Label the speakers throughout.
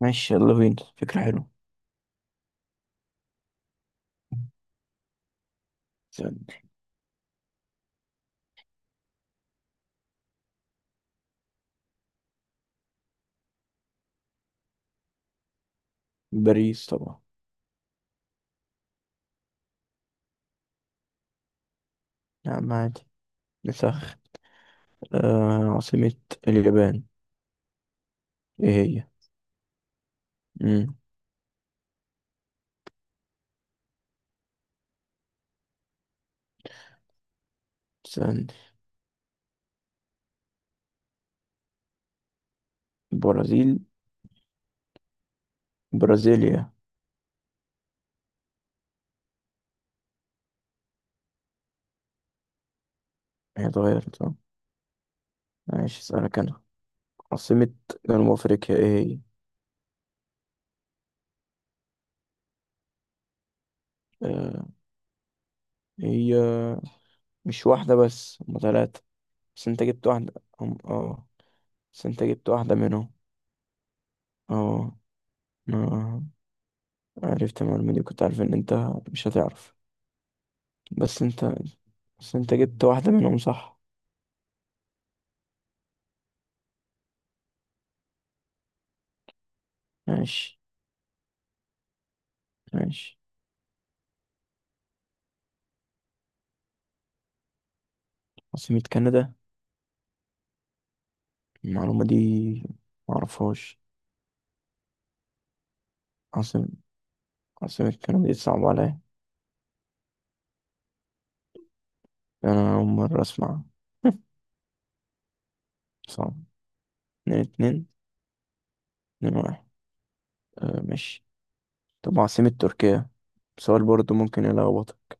Speaker 1: ماشي، يلا بينا. فكرة حلوة. استنى. باريس طبعا. نعم، عادي. نسخ. آه، عاصمة اليابان ايه هي؟ مم. استنى. برازيل. برازيليا. هي اتغيرت، اه. ماشي، اسألك انا. عاصمة جنوب افريقيا ايه هي؟ آه، هي مش واحدة بس هما تلاتة. بس انت جبت واحدة. هم، اه. بس انت جبت واحدة منهم. اه. آه. عرفت المعلومة دي، كنت عارف ان انت مش هتعرف. بس انت بس انت جبت واحدة منهم، صح؟ ماشي ماشي. عاصمة كندا. المعلومة دي معرفهاش. عاصمة عاصمة كندا دي صعبة عليا. أنا أول مرة أسمع. صعب. اتنين اتنين. اتنين واحد. آه ماشي. طب عاصمة تركيا، سؤال برضه ممكن يلخبطك.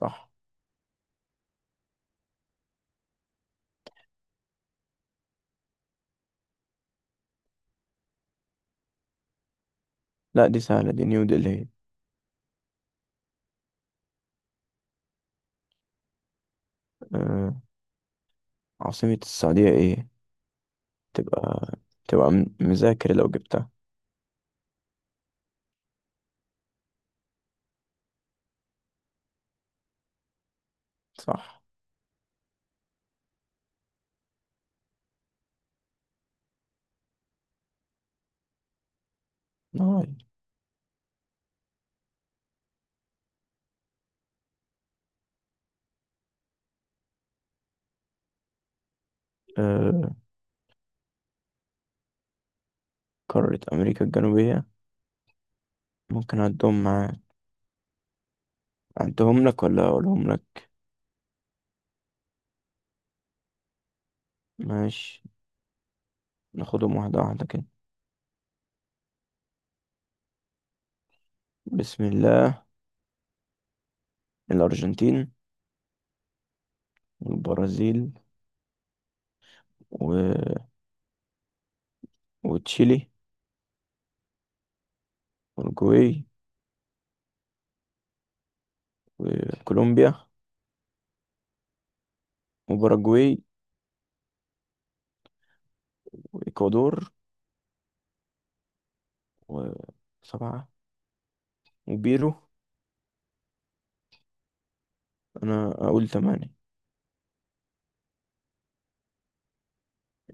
Speaker 1: صح. لا دي سهلة، دي نيو دلهي. آه، عاصمة السعودية ايه؟ تبقى تبقى مذاكر لو جبتها. صح. نايل. آه، قارة أمريكا الجنوبية، ممكن أعدهم معاك؟ أعدهم لك ولا أقولهم لك؟ ماشي، ناخدهم واحدة واحدة كده. بسم الله. الأرجنتين. والبرازيل. و... وتشيلي. والجوي. وكولومبيا. وباراجواي. وإكوادور. وسبعة. وبيرو. أنا أقول تمانية.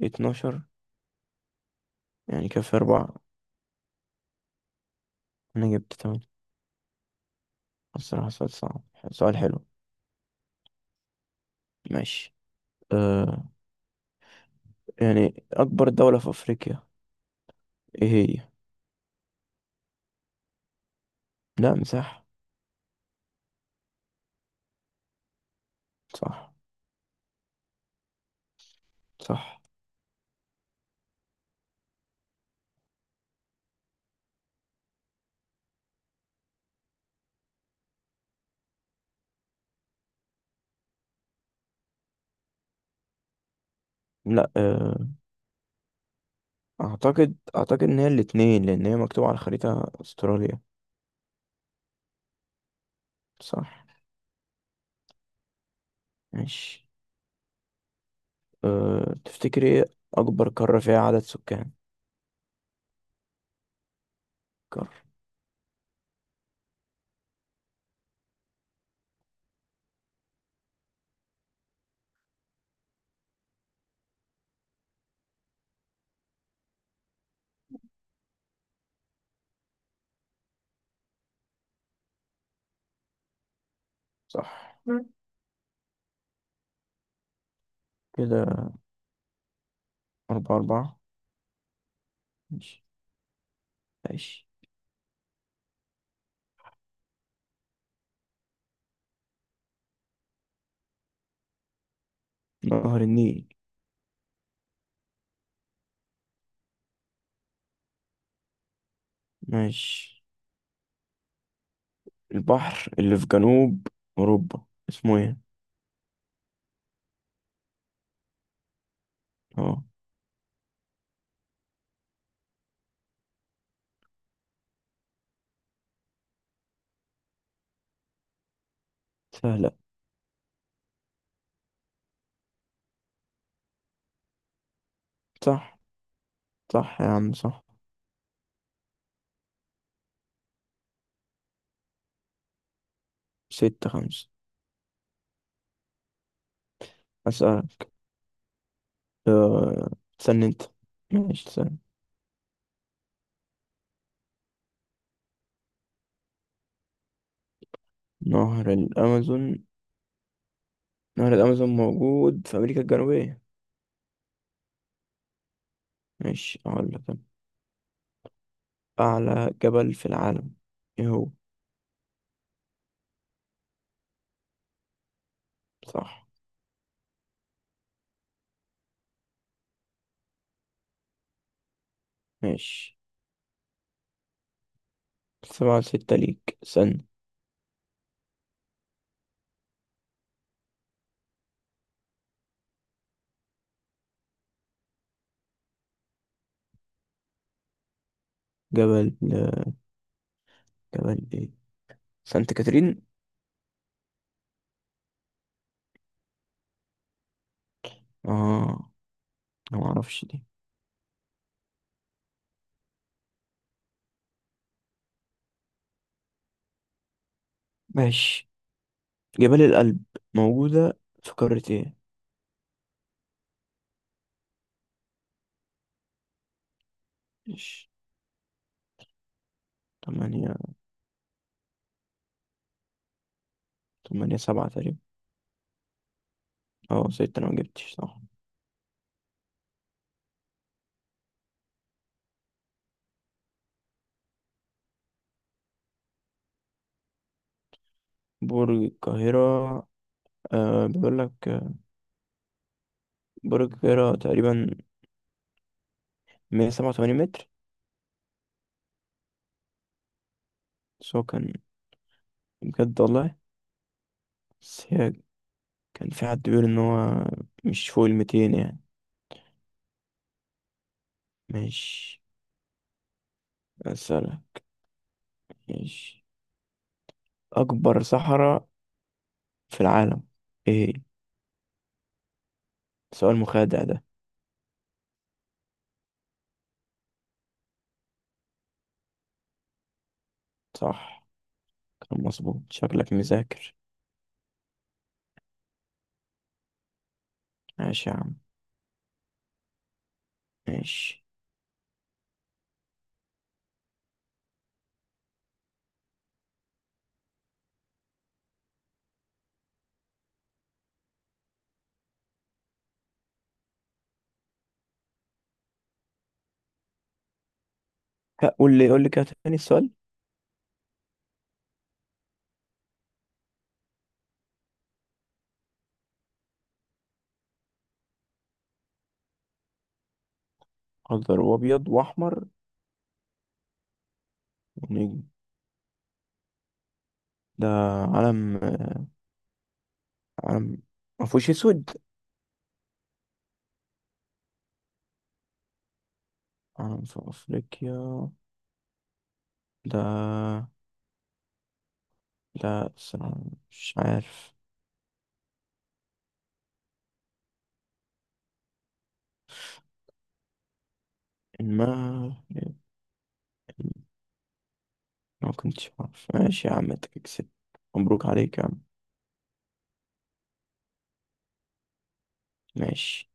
Speaker 1: 12، يعني كفي أربعة. أنا جبت تمانية. الصراحة سؤال صعب، سؤال حلو. ماشي. أه، يعني أكبر دولة في أفريقيا إيه هي؟ لا، مساحة. صح. صح. لا آه، اعتقد ان هي الاتنين، لان هي مكتوبة على الخريطة استراليا. صح. ماشي. تفتكري ايه اكبر قارة فيها عدد سكان؟ قارة. صح. مم. كده أربعة أربعة. ماشي ماشي. نهر النيل. ماشي. البحر اللي في جنوب أوروبا اسمه ايه؟ اه. سهلة. صح. صح يا عم، صح. ستة خمسة. أسأل. أه... استنى انت. ماشي، استنى. نهر الأمازون. نهر الأمازون موجود في أمريكا الجنوبية. ماشي، أقول لك أنا. أعلى جبل في العالم إيه هو؟ صح. ماشي. سبعة ستة ليك سن. جبل. جبل إيه، سانت كاترين؟ آه، أنا معرفش دي. ماشي. جبال الألب موجودة في قارة إيه؟ ماشي. تمانية. تمانية سبعة تقريبا. أه، ستة، أنا مجبتش صح. برج القاهرة. آه بيقول لك آه، برج القاهرة تقريبا 187 متر. بس هو كان، بجد والله. بس هي، كان في حد بيقول ان هو مش فوق الـ200 يعني. ماشي. أسألك، ماشي. اكبر صحراء في العالم ايه هي؟ سؤال مخادع ده. صح. كان مظبوط، شكلك مذاكر. ماشي يا عم. ماشي. ها، قول لي قول لي كده تاني السؤال. اخضر وابيض واحمر ونجم. ده علم. علم ما فيهوش اسود. علم في افريقيا. ده ده الصراحة مش عارف. المغرب. ما كنتش عارف. ماشي يا عم، انت كسبت. مبروك عليك يا عم. ماشي.